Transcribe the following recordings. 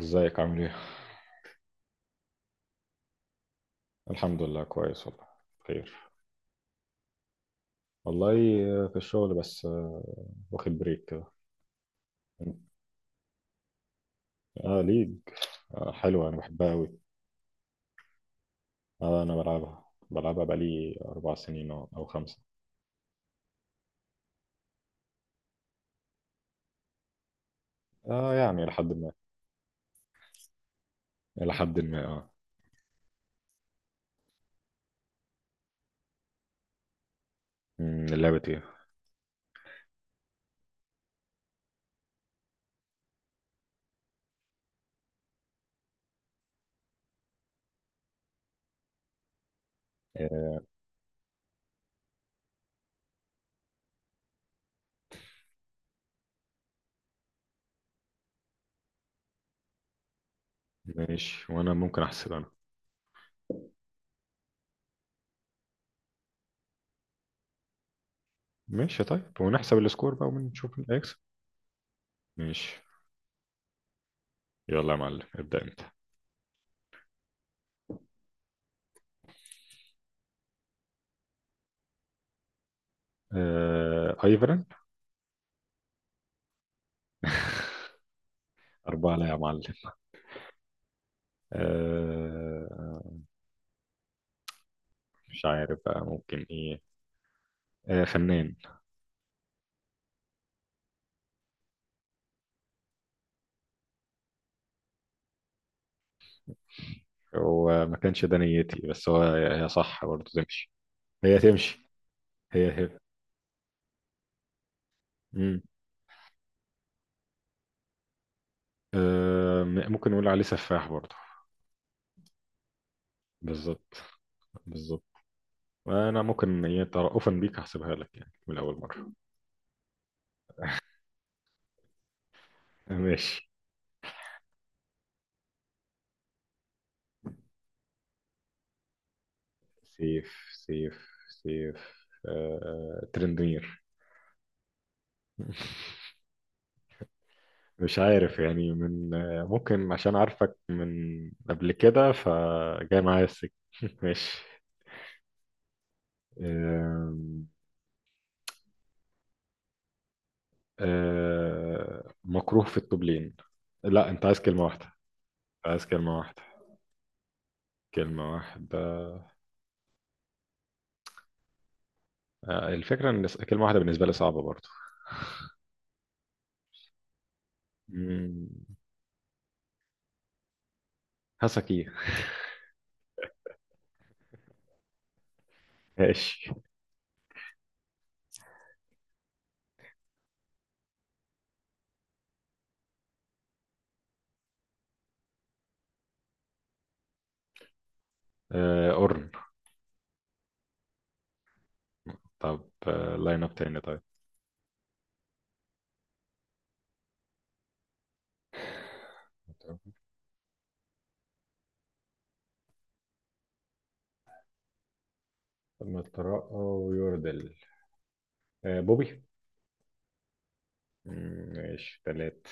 ازيك عامل ايه؟ الحمد لله كويس والله. بخير. والله، في الشغل بس واخد بريك كده. اه، ليج. حلوة، انا بحبها قوي. آه، انا بلعبها بلعبها بقالي 4 سنين او خمسة. اه يعني الى حد ما. الى حد ما، اه. لعبة ايه؟ آه ماشي. وانا ممكن احسب انا؟ ماشي طيب، ونحسب السكور بقى ونشوف مين هيكسب. ماشي. يلا يا معلم، ابدأ انت. آه، ايفرن. أربعة، لا يا معلم. آه، مش عارف بقى ممكن ايه. آه، فنان. وما كانش ده نيتي، بس هو هي صح برضه تمشي. هي تمشي. هي هي. مم. آه، ممكن نقول عليه سفاح برضه. بالظبط. بالظبط. انا ممكن إيه، ترأفا بيك هحسبها لك يعني من اول مره. آه، ماشي. سيف سيف. سيف، ترندمير. مش عارف يعني من ممكن عشان عارفك من قبل كده فجاي معايا السكة. ماشي. آم، آه مكروه في الطبلين. لا انت عايز كلمة واحدة؟ عايز كلمة واحدة. كلمة واحدة آه. الفكرة ان كلمة واحدة بالنسبة لي صعبة برضو. مم، هسكي. ماشي. آه قرن. طب، لاين اب تاني طيب. ما الترقى ويوردل. آه بوبي. ماشي تلات.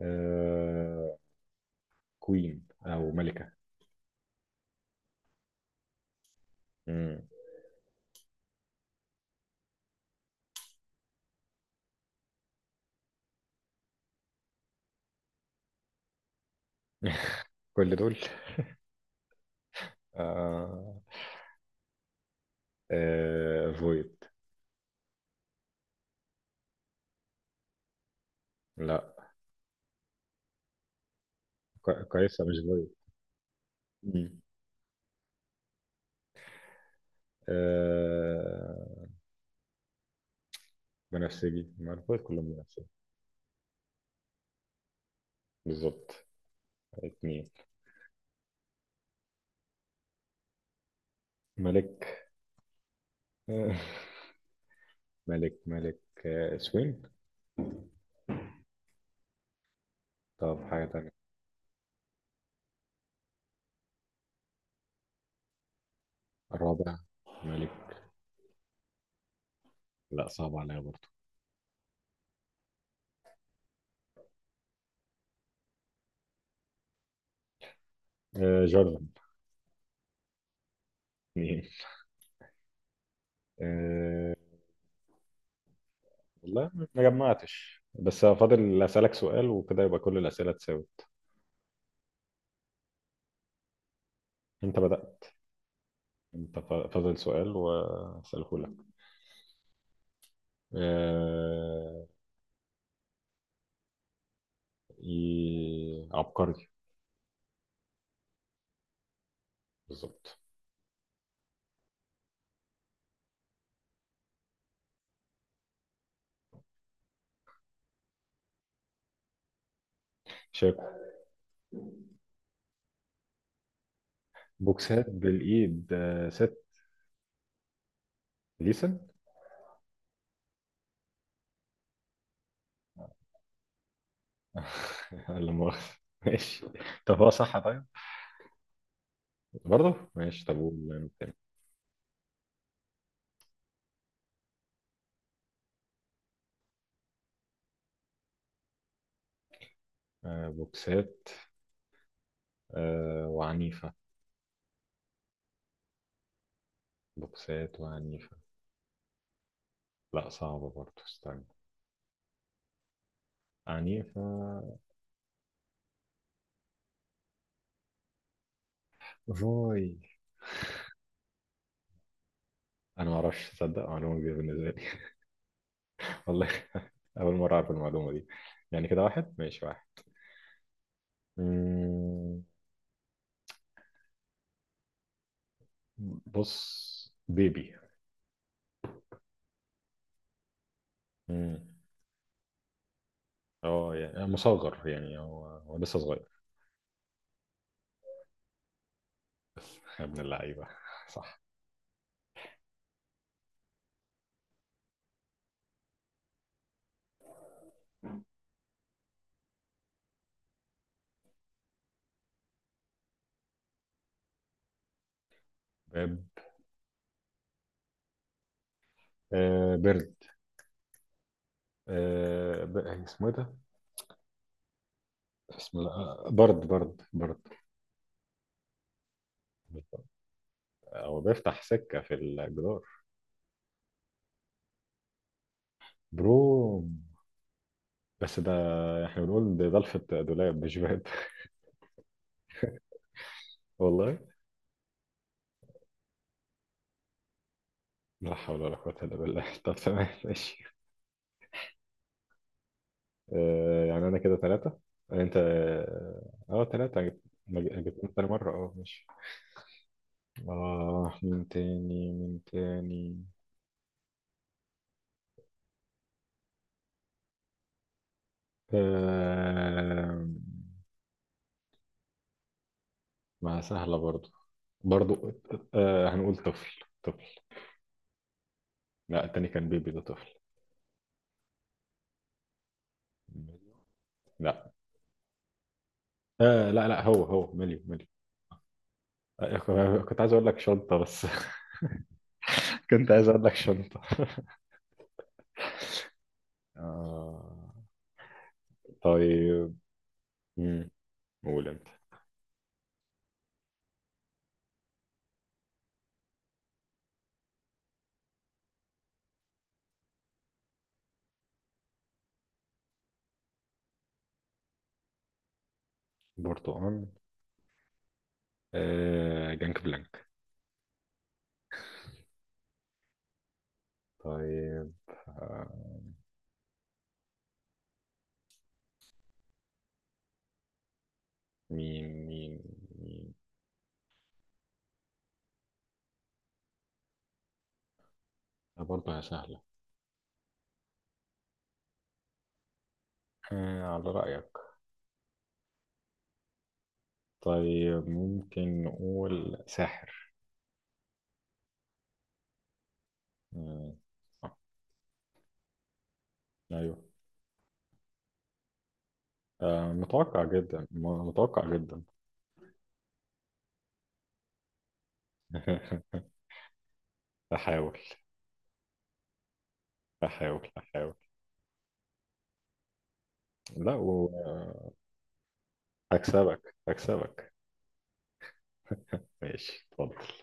آه كوين او ملكة. مم. كل دول. آه. آه فويد. لا كويسة، مش فويد. آه بنفسجي، ما الألفاظ كلهم بنفسجي. بالظبط. اتنين. ملك. آه، ملك ملك. آه سوين. طب حاجة تانية. رابع. ملك. لا، صعب عليا برضه. آه جوردن. اتنين. آه. والله ما جمعتش، بس فاضل أسألك سؤال وكده يبقى كل الأسئلة اتساوت. انت بدأت. انت فاضل سؤال وأسأله لك. آه... عبقري. بالظبط. شاكو. بوكسات بالإيد، ست. ديسن. لا مؤاخذة. ماشي. طب هو صح طيب. برضه ماشي. طب قول. آه، بوكسات. آه، وعنيفة. بوكسات وعنيفة. لا، صعبة برضه، استنى. عنيفة. فوي. أنا ما أعرفش، تصدق معلومة جديدة بالنسبة لي. والله. أول مرة أعرف المعلومة دي. يعني كده واحد ماشي واحد. مم، بص بيبي. مم، اه يعني مصغر يعني هو هو لسه صغير. يا ابن اللعيبة صح. باب. آه، بيرد. اسمه إيه ده؟ اسم، لا، برد برد برد. هو بيفتح سكة في الجدار. برو. بس ده، احنا بنقول ده ضلفة دولاب مش باب. والله. لا حول ولا قوة إلا بالله. طب تمام ماشي. آه، يعني أنا كده ثلاثة. أنت. أه ثلاثة جبت. ما جبتهم تاني مرة. أه ماشي. آه، مين تاني مين تاني؟ آه. ما سهلة برضو. برضو. آه هنقول طفل طفل. لا، التاني كان بيبي، ده طفل. ميليو. لا. آه، لا لا، هو هو مليو مليو. آه، كنت عايز اقول لك شنطة بس. كنت عايز اقول لك شنطة. آه. طيب. مم، قول انت. برتقال. آه جانك بلانك. طيب. آه. مين مين. مين. آه، برضه هي سهلة. آه على رأيك. طيب، ممكن نقول ساحر. مم، صح. ايوه. آه متوقع جدا، متوقع جدا. احاول. هحاول هحاول. لا، وهكسبك. هكسبك. ماشي، اتفضل.